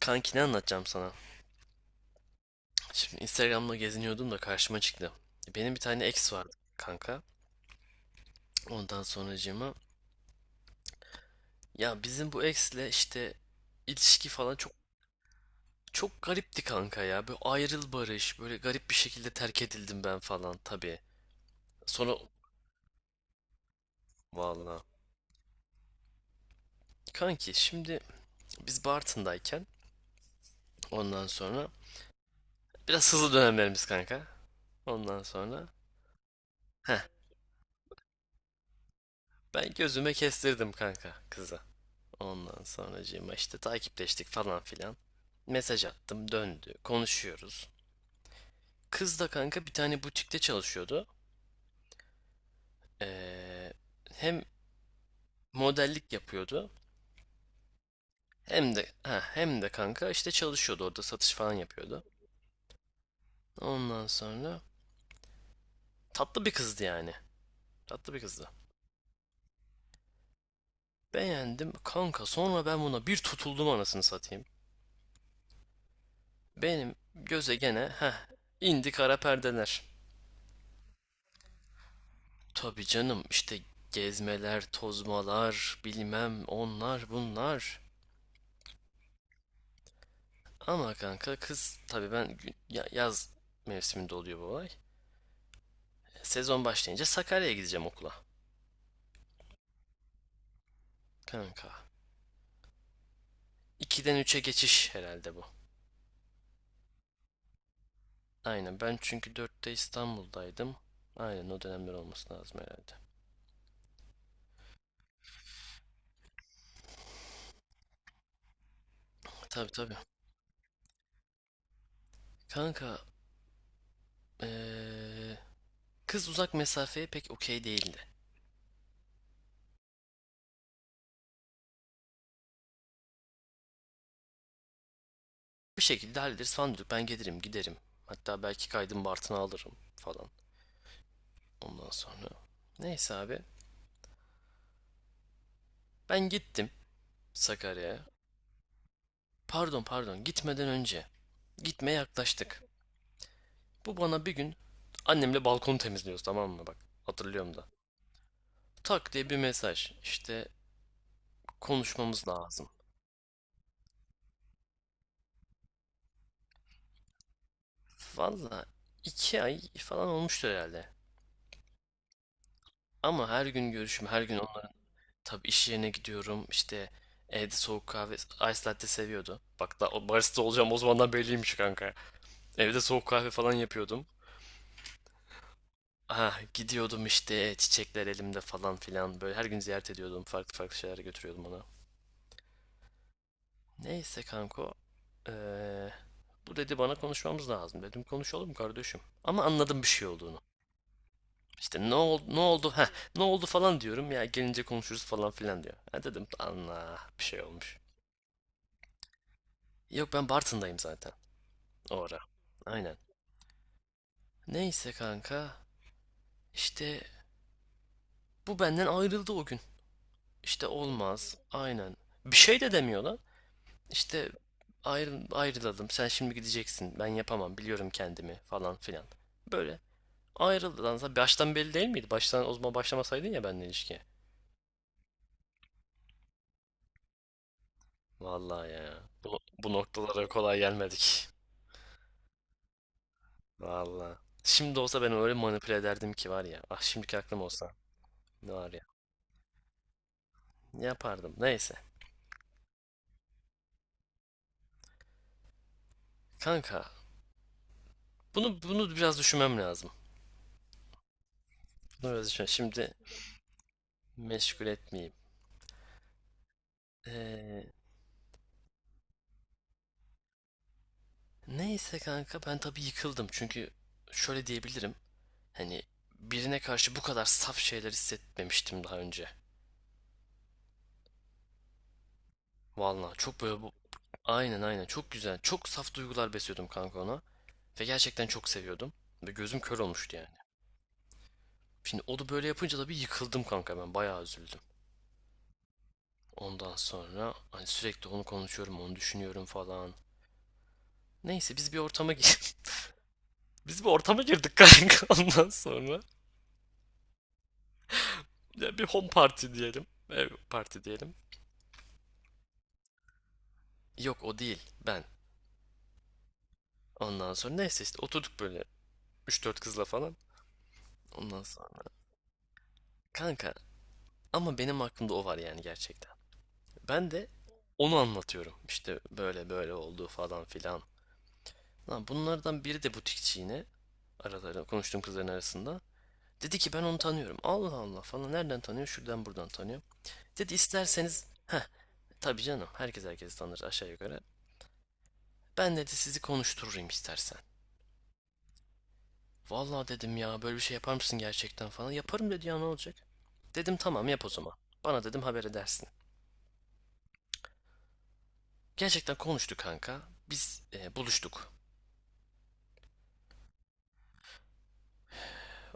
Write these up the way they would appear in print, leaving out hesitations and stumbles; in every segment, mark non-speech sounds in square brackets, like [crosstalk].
Kanki ne anlatacağım sana? Şimdi Instagram'da geziniyordum da karşıma çıktı. Benim bir tane ex vardı kanka. Ondan sonracığıma ya bizim bu ex'le işte ilişki falan çok çok garipti kanka ya. Böyle ayrıl barış, böyle garip bir şekilde terk edildim ben falan tabii. Sonra vallahi kanki şimdi biz Bartın'dayken ondan sonra biraz hızlı dönemlerimiz kanka. Ondan sonra heh ben gözüme kestirdim kanka kızı. Ondan sonracığıma işte takipleştik falan filan. Mesaj attım döndü. Konuşuyoruz. Kız da kanka bir tane butikte çalışıyordu. Ee, hem modellik yapıyordu hem de hem de kanka işte çalışıyordu orada satış falan yapıyordu. Ondan sonra tatlı bir kızdı yani. Tatlı bir kızdı. Beğendim kanka, sonra ben buna bir tutuldum anasını satayım. Benim göze gene indi kara perdeler. Tabii canım işte, gezmeler, tozmalar, bilmem onlar bunlar. Ama kanka kız tabii, ben yaz mevsiminde oluyor bu olay. Sezon başlayınca Sakarya'ya gideceğim okula. Kanka. 2'den 3'e geçiş herhalde bu. Aynen, ben çünkü 4'te İstanbul'daydım. Aynen o dönemler olması lazım herhalde. Tabii, tabii. Kanka, eee, kız uzak mesafeye pek okey değildi. Bir şekilde hallederiz falan diyorduk. Ben gelirim giderim. Hatta belki kaydım Bartın'a alırım falan. Ondan sonra. Neyse abi. Ben gittim Sakarya'ya. Pardon, pardon, gitmeden önce. Gitmeye yaklaştık. Bu bana bir gün, annemle balkonu temizliyoruz tamam mı, bak hatırlıyorum da. Tak diye bir mesaj, işte konuşmamız lazım. Valla 2 ay falan olmuştur herhalde. Ama her gün görüşüm, her gün onların, tabii iş yerine gidiyorum işte, evde soğuk kahve ice latte seviyordu. Bak da o barista olacağım o zamandan belliymiş kanka. Evde soğuk kahve falan yapıyordum. Ha, gidiyordum işte, çiçekler elimde falan filan. Böyle her gün ziyaret ediyordum. Farklı farklı şeyler götürüyordum ona. Neyse kanko. eee, bu dedi bana konuşmamız lazım. Dedim konuşalım kardeşim. Ama anladım bir şey olduğunu. İşte ne oldu, ne oldu, ne oldu falan diyorum, ya gelince konuşuruz falan filan diyor. Ha dedim, Allah bir şey olmuş. Yok, ben Bartın'dayım zaten o ara. Aynen. Neyse kanka, işte bu benden ayrıldı o gün. İşte olmaz. Aynen. Bir şey de demiyor lan. İşte ayrılalım, sen şimdi gideceksin, ben yapamam, biliyorum kendimi falan filan. Böyle ayrılalım. Baştan belli değil miydi? Baştan o zaman başlamasaydın ya benimle ilişkiye. Vallahi ya. Bu noktalara kolay gelmedik. [laughs] Vallahi. Şimdi olsa ben öyle manipüle ederdim ki var ya. Ah, şimdiki aklım olsa. Ne var ya. Yapardım. Neyse. Kanka. Bunu biraz düşünmem lazım. Bunu biraz düşün. Şimdi meşgul etmeyeyim. Ee, neyse kanka ben tabii yıkıldım. Çünkü şöyle diyebilirim. Hani birine karşı bu kadar saf şeyler hissetmemiştim daha önce. Vallahi çok böyle bu... Aynen, aynen, çok güzel. Çok saf duygular besliyordum kanka ona. Ve gerçekten çok seviyordum. Ve gözüm kör olmuştu yani. Şimdi o da böyle yapınca da bir yıkıldım kanka ben. Bayağı üzüldüm. Ondan sonra hani sürekli onu konuşuyorum, onu düşünüyorum falan. Neyse biz bir ortama gir [laughs] biz bir ortama girdik kanka [laughs] ondan sonra. Ya bir home party diyelim. Ev party diyelim. Yok, o değil ben. Ondan sonra neyse işte oturduk böyle üç dört kızla falan. Ondan sonra kanka, ama benim aklımda o var yani gerçekten. Ben de onu anlatıyorum. İşte böyle böyle oldu falan filan. Lan bunlardan biri de butikçi yine, aralarında konuştuğum kızların arasında. Dedi ki ben onu tanıyorum. Allah Allah falan, nereden tanıyor? Şuradan buradan tanıyor. Dedi isterseniz, tabii canım herkes herkesi tanır aşağı yukarı. Ben dedi sizi konuştururum istersen. Vallahi dedim ya, böyle bir şey yapar mısın gerçekten falan. Yaparım dedi, ya ne olacak? Dedim tamam, yap o zaman. Bana dedim haber edersin. Gerçekten konuştu kanka. Biz buluştuk.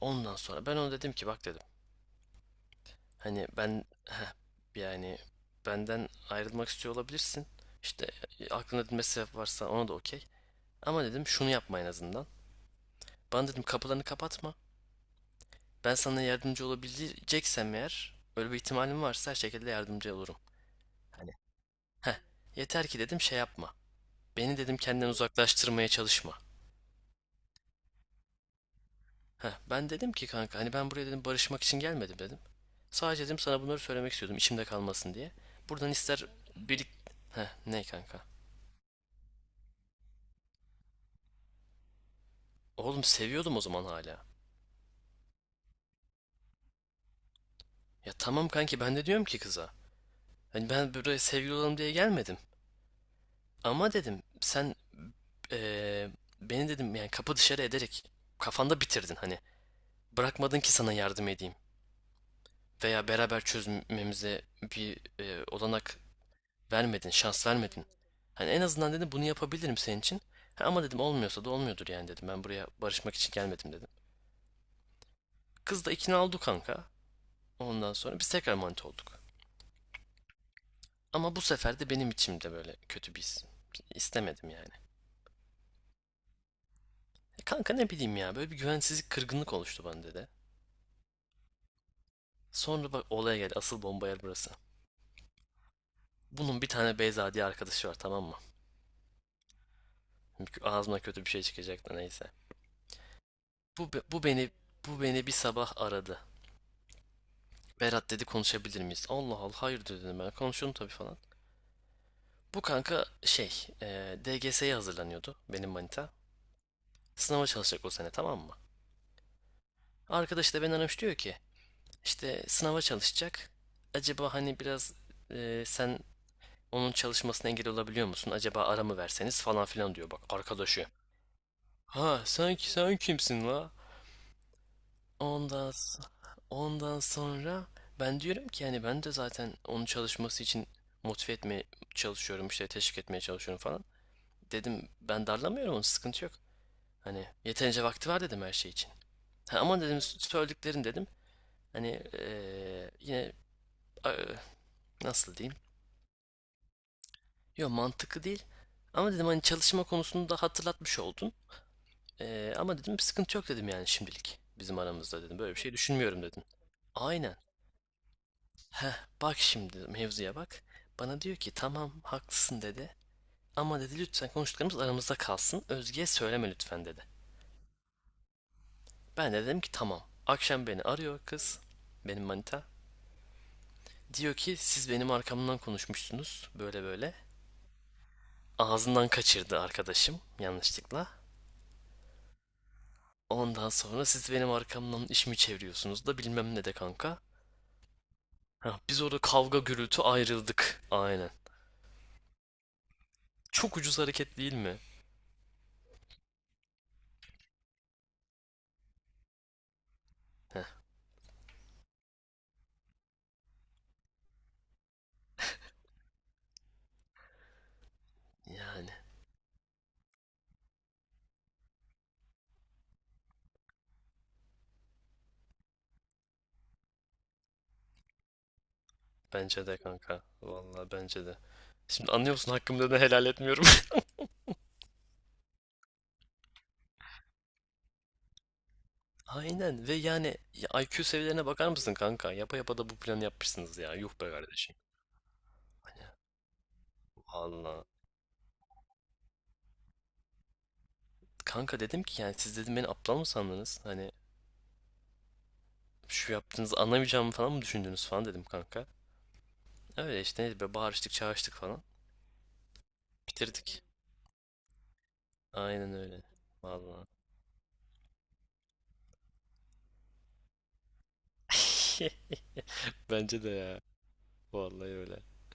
Ondan sonra ben ona dedim ki, bak dedim. Hani ben yani benden ayrılmak istiyor olabilirsin. İşte aklında dedim bir varsa, ona da okey. Ama dedim şunu yapma en azından. Bana dedim kapılarını kapatma. Ben sana yardımcı olabileceksem, eğer öyle bir ihtimalim varsa her şekilde yardımcı olurum. Hani heh, yeter ki dedim şey yapma. Beni dedim kendinden uzaklaştırmaya çalışma. Ben dedim ki kanka, hani ben buraya dedim barışmak için gelmedim dedim. Sadece dedim sana bunları söylemek istiyordum içimde kalmasın diye. Buradan ister birlik... Ne kanka? Oğlum seviyordum o zaman hala. Ya tamam kanki, ben de diyorum ki kıza. Hani ben buraya sevgili olalım diye gelmedim. Ama dedim sen eee, beni dedim yani kapı dışarı ederek kafanda bitirdin hani. Bırakmadın ki sana yardım edeyim. Veya beraber çözmemize bir olanak vermedin, şans vermedin. Hani en azından dedim bunu yapabilirim senin için. Ha, ama dedim olmuyorsa da olmuyordur yani dedim. Ben buraya barışmak için gelmedim dedim. Kız da ikna oldu kanka. Ondan sonra biz tekrar manita olduk. Ama bu sefer de benim içimde böyle kötü bir his. İstemedim yani. E kanka ne bileyim ya, böyle bir güvensizlik, kırgınlık oluştu bende de. Sonra bak olaya gel, asıl bomba yer burası. Bunun bir tane Beyza diye arkadaşı var, tamam mı? Ağzına kötü bir şey çıkacak da neyse. Bu, bu beni bu beni bir sabah aradı. Berat dedi, konuşabilir miyiz? Allah Allah, hayır diyor dedim ben. Konuşurum tabii falan. Bu kanka şey DGS'ye hazırlanıyordu benim manita. Sınava çalışacak o sene, tamam mı? Arkadaş da beni aramış, diyor ki işte sınava çalışacak. Acaba hani biraz sen onun çalışmasına engel olabiliyor musun? Acaba ara mı verseniz falan filan diyor bak arkadaşı. Ha sen, kimsin la? Ondan, s- ondan sonra ben diyorum ki yani, ben de zaten onun çalışması için motive etmeye çalışıyorum, işte teşvik etmeye çalışıyorum falan. Dedim ben darlamıyorum onu, sıkıntı yok. Hani yeterince vakti var dedim her şey için. Ha, ama dedim söylediklerin dedim hani yine a- e, nasıl diyeyim? Yok, mantıklı değil. Ama dedim hani çalışma konusunu da hatırlatmış oldun. Ama dedim sıkıntı yok dedim yani, şimdilik bizim aramızda dedim, böyle bir şey düşünmüyorum dedim. Aynen. Heh, bak şimdi mevzuya bak. Bana diyor ki tamam haklısın dedi. Ama dedi lütfen konuştuklarımız aramızda kalsın, Özge'ye söyleme lütfen dedi. Ben de dedim ki tamam. Akşam beni arıyor kız. Benim manita. Diyor ki siz benim arkamdan konuşmuşsunuz, böyle böyle. Ağzından kaçırdı arkadaşım yanlışlıkla. Ondan sonra siz benim arkamdan iş mi çeviriyorsunuz da bilmem ne de kanka. Biz orada kavga gürültü ayrıldık. Aynen. Çok ucuz hareket değil mi? Heh, yani. Bence de kanka. Vallahi bence de. Şimdi anlıyor musun hakkımda, ne helal etmiyorum. [laughs] Aynen, ve yani ya IQ seviyelerine bakar mısın kanka? Yapa yapa da bu planı yapmışsınız ya. Yuh be kardeşim. Valla, kanka dedim ki yani, siz dedim beni aptal mı sandınız? Hani şu yaptığınızı anlamayacağımı falan mı düşündünüz falan dedim kanka. Öyle işte, neydi be, bağırıştık çağırıştık falan. Bitirdik. Aynen öyle. Valla. [laughs] Bence de ya. Vallahi öyle. [sighs]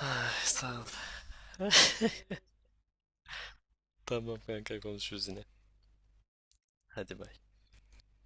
Ah, sağ ol. [laughs] Tamam kanka, konuşuruz yine. Hadi bay.